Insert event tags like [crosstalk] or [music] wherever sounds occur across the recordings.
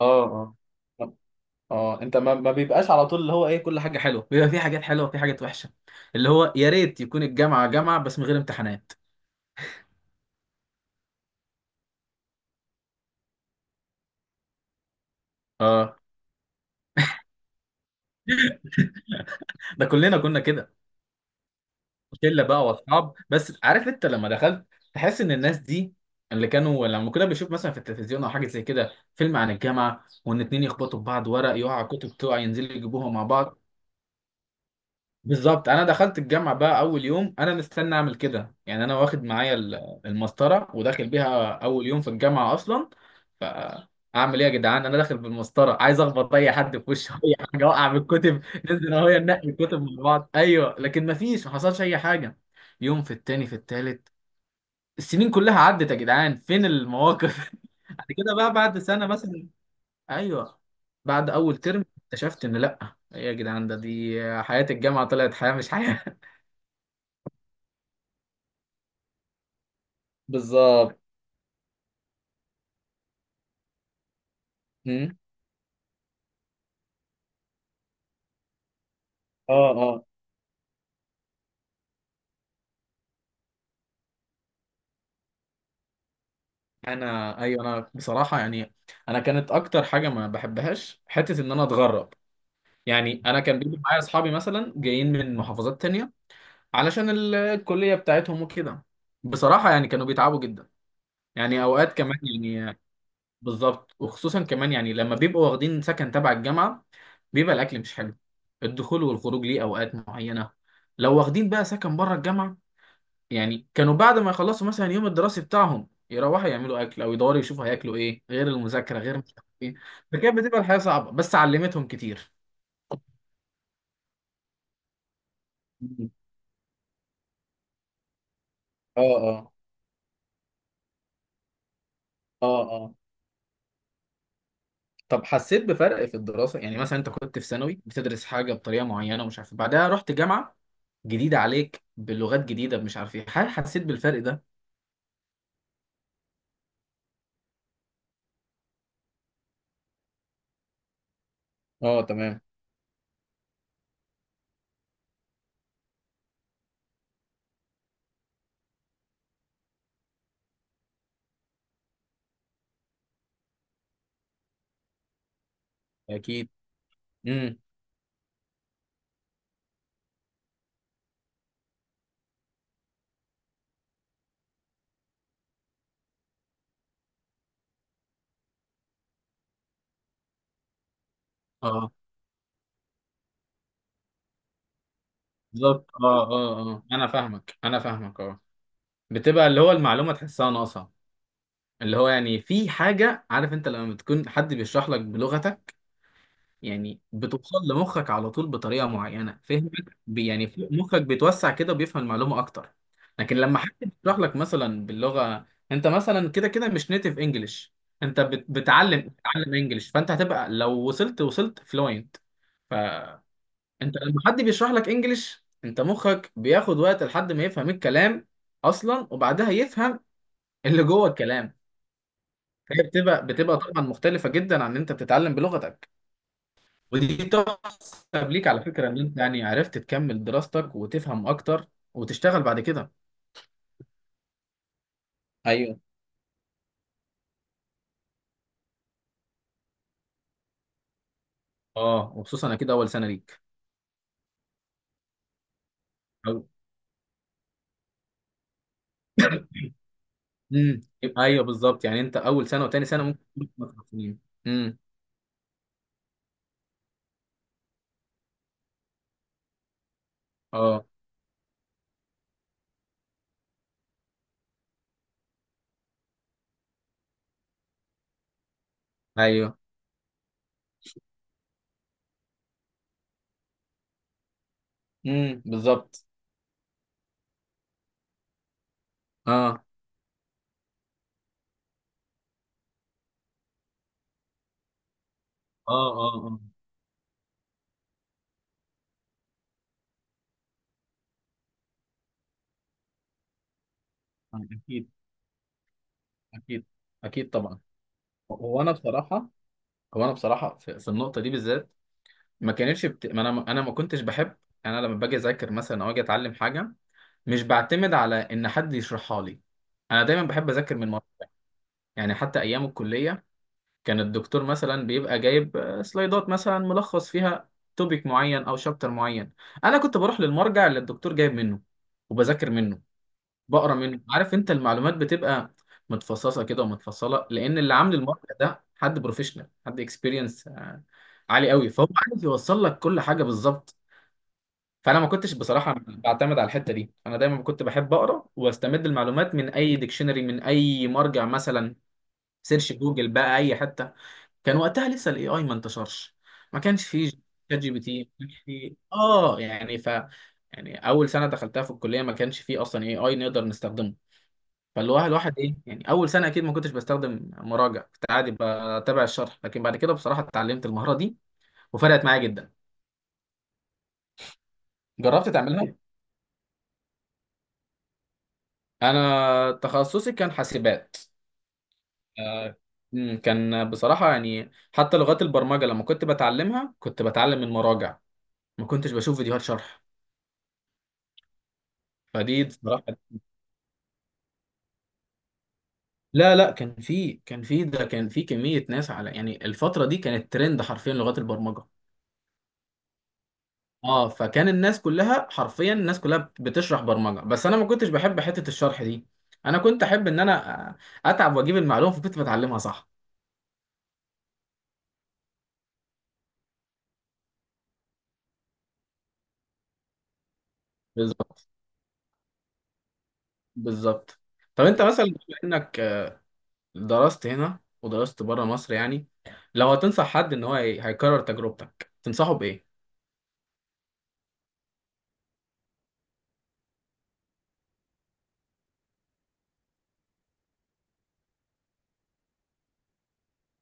اه. اه. اه. انت ما بيبقاش على طول، اللي هو ايه، كل حاجه حلوه. بيبقى في حاجات حلوه وفي حاجات وحشه. اللي هو يا ريت يكون الجامعه جامعه بس من غير امتحانات. اه. ده كلنا كنا كده. شله بقى واصحاب، بس عارف انت لما دخلت تحس ان الناس دي اللي كانوا لما كنا بنشوف مثلا في التلفزيون او حاجه زي كده فيلم عن الجامعه، وان اتنين يخبطوا في بعض، ورق يقع، كتب تقع، ينزلوا يجيبوها مع بعض. بالظبط. انا دخلت الجامعه بقى اول يوم انا مستني اعمل كده، يعني انا واخد معايا المسطره وداخل بيها اول يوم في الجامعه اصلا. فاعمل ايه يا جدعان، انا داخل بالمسطره عايز اخبط اي حد في وشه [laughs] اي حاجه اوقع من الكتب. ننزل اهو ننقي الكتب مع بعض، ايوه، لكن ما فيش، ما حصلش اي حاجه. يوم، في التاني، في التالت، السنين كلها عدت يا جدعان، فين المواقف [laughs] بعد كده بقى بعد سنه مثلا. ايوه. بعد اول ترم اكتشفت ان لا، ايه يا جدعان، ده دي حياه الجامعه طلعت حياه مش حياه. بالظبط. مم. اه. اه. انا، ايوه، انا بصراحه يعني، انا كانت اكتر حاجه ما بحبهاش حته ان انا اتغرب. يعني انا كان بيجي معايا اصحابي مثلا جايين من محافظات تانية علشان الكليه بتاعتهم وكده. بصراحه يعني كانوا بيتعبوا جدا. يعني اوقات كمان، يعني بالظبط، وخصوصا كمان يعني لما بيبقوا واخدين سكن تبع الجامعه، بيبقى الاكل مش حلو، الدخول والخروج ليه اوقات معينه. لو واخدين بقى سكن بره الجامعه، يعني كانوا بعد ما يخلصوا مثلا يوم الدراسي بتاعهم يروحوا يعملوا اكل او يدوروا يشوفوا هياكلوا ايه، غير المذاكره، غير مش عارف ايه. فكانت بتبقى الحياه صعبه بس علمتهم كتير. مم. اه. اه. اه. اه. طب حسيت بفرق في الدراسه؟ يعني مثلا انت كنت في ثانوي بتدرس حاجه بطريقه معينه ومش عارف إيه، بعدها رحت جامعه جديده عليك بلغات جديده مش عارف ايه، هل حسيت بالفرق ده؟ اه تمام. اكيد. امم. اه. بالظبط. اه. اه. اه. انا فاهمك، انا فاهمك. اه. بتبقى اللي هو المعلومه تحسها ناقصه. اللي هو يعني في حاجة، عارف انت لما بتكون حد بيشرح لك بلغتك يعني بتوصل لمخك على طول بطريقة معينة، فهمك؟ يعني مخك بيتوسع كده وبيفهم المعلومة أكتر. لكن لما حد بيشرح لك مثلا باللغة، انت مثلا كده كده مش نيتيف انجلش، انت بتعلم بتتعلم انجلش، فانت هتبقى لو وصلت، وصلت فلوينت. فانت لما حد بيشرح لك انجلش انت مخك بياخد وقت لحد ما يفهم الكلام اصلا، وبعدها يفهم اللي جوه الكلام. هي بتبقى طبعا مختلفة جدا عن ان انت بتتعلم بلغتك. ودي تقرب ليك على فكرة ان انت يعني عرفت تكمل دراستك وتفهم اكتر وتشتغل بعد كده. ايوه. اه، وخصوصا اكيد اول سنة ليك. أو... امم. ايوه بالظبط، يعني انت اول سنة وتاني سنة ممكن تكون في مصر سنين. امم. اه ايوه. امم. بالظبط. اه. اه. اه. اه. اكيد. اكيد اكيد طبعا. هو انا بصراحة هو انا بصراحة في النقطة دي بالذات، ما كانتش بت... ما انا انا ما كنتش بحب. انا لما باجي اذاكر مثلا او اجي اتعلم حاجه مش بعتمد على ان حد يشرحها لي. انا دايما بحب اذاكر من مره. يعني حتى ايام الكليه كان الدكتور مثلا بيبقى جايب سلايدات مثلا ملخص فيها توبيك معين او شابتر معين، انا كنت بروح للمرجع اللي الدكتور جايب منه وبذاكر منه، بقرا منه. عارف انت المعلومات بتبقى متفصصه كده ومتفصله لان اللي عامل المرجع ده حد بروفيشنال، حد اكسبيرينس عالي قوي، فهو عارف يوصل لك كل حاجه بالظبط. فانا ما كنتش بصراحه بعتمد على الحته دي، انا دايما كنت بحب اقرا واستمد المعلومات من اي ديكشنري من اي مرجع مثلا، سيرش جوجل بقى اي حته. كان وقتها لسه الاي اي ما انتشرش، ما كانش فيه شات جي بي تي، ما كانش فيه، اه يعني، ف يعني اول سنه دخلتها في الكليه ما كانش فيه اصلا اي اي نقدر نستخدمه. فاللي هو الواحد ايه يعني، اول سنه اكيد ما كنتش بستخدم مراجع، كنت عادي بتابع الشرح، لكن بعد كده بصراحه اتعلمت المهاره دي وفرقت معايا جدا. جربت تعملها؟ انا تخصصي كان حاسبات. آه، كان بصراحة يعني حتى لغات البرمجة لما كنت بتعلمها كنت بتعلم من مراجع، ما كنتش بشوف فيديوهات شرح. فدي بصراحة. لا لا، كان في كمية ناس على، يعني الفترة دي كانت ترند حرفيا لغات البرمجة. اه، فكان الناس كلها حرفيا، الناس كلها بتشرح برمجة، بس انا ما كنتش بحب حتة الشرح دي. انا كنت احب ان انا اتعب واجيب المعلومة، فكنت بتعلمها صح. بالظبط. بالظبط. طب انت مثلا بما انك درست هنا ودرست بره مصر، يعني لو هتنصح حد ان هو هيكرر تجربتك، تنصحه بايه؟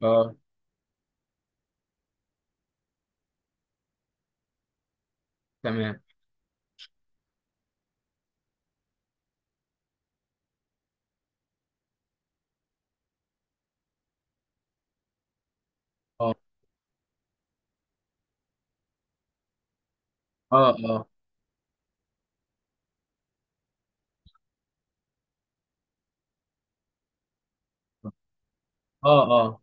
اه تمام. اه. اه. اه. اه. اه.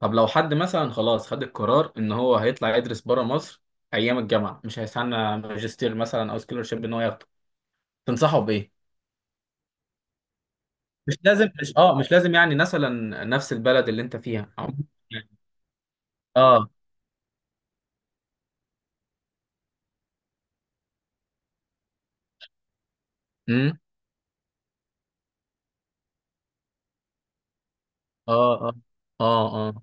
طب لو حد مثلا خلاص خد القرار ان هو هيطلع يدرس بره مصر ايام الجامعه، مش هيستنى ماجستير مثلا او سكولرشيب ان هو ياخده، تنصحه بايه؟ مش لازم يعني مثلا نفس البلد اللي انت فيها. اه. امم. اه. اه. اه. اه.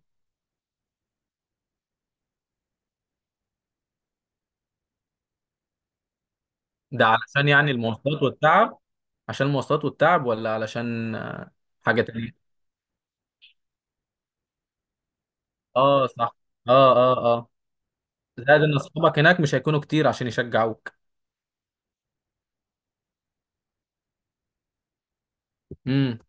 ده علشان يعني المواصلات والتعب. عشان المواصلات والتعب ولا علشان حاجة تانية؟ اه صح. اه. اه. اه. زائد ان اصحابك هناك مش هيكونوا كتير عشان يشجعوك. امم.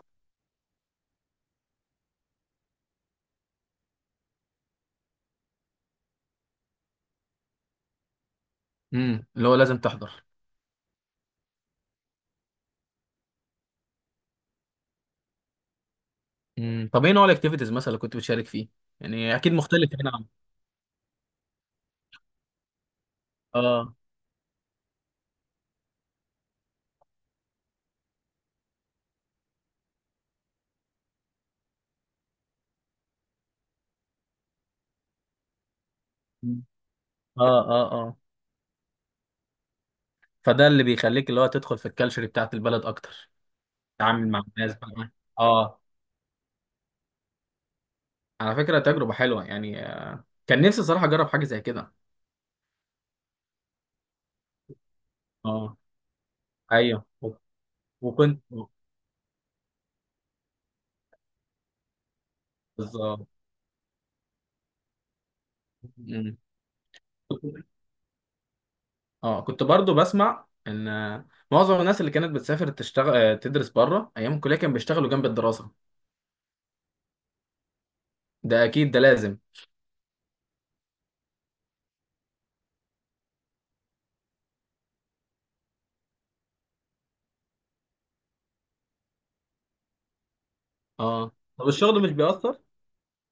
امم. اللي هو لازم تحضر. امم. طب ايه نوع الاكتيفيتيز مثلا اللي كنت بتشارك فيه؟ يعني اكيد مختلف هنا عن... اه. مم. اه. اه. اه. فده اللي بيخليك اللي هو تدخل في الكالتشر بتاعت البلد اكتر، تتعامل مع الناس بقى. اه. على فكرة تجربة حلوة، يعني كان نفسي صراحة اجرب حاجة زي كده. اه. ايوه. وكنت. بالظبط. مم. اه، كنت برضو بسمع ان معظم الناس اللي كانت بتسافر تشتغل، تدرس بره ايام الكليه، كانوا بيشتغلوا جنب الدراسه. ده اكيد، ده لازم. اه. طب الشغل مش بيأثر؟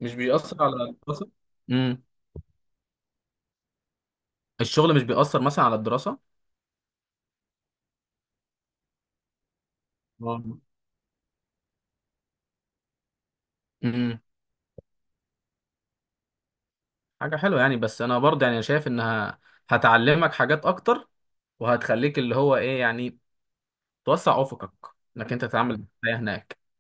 مش بيأثر على الدراسه؟ امم. الشغل مش بيأثر مثلا على الدراسه؟ اه. امم. حاجه حلوه يعني، بس انا برضه يعني شايف انها هتعلمك حاجات اكتر، وهتخليك اللي هو ايه يعني توسع افقك، انك انت تتعامل بالحياه هناك.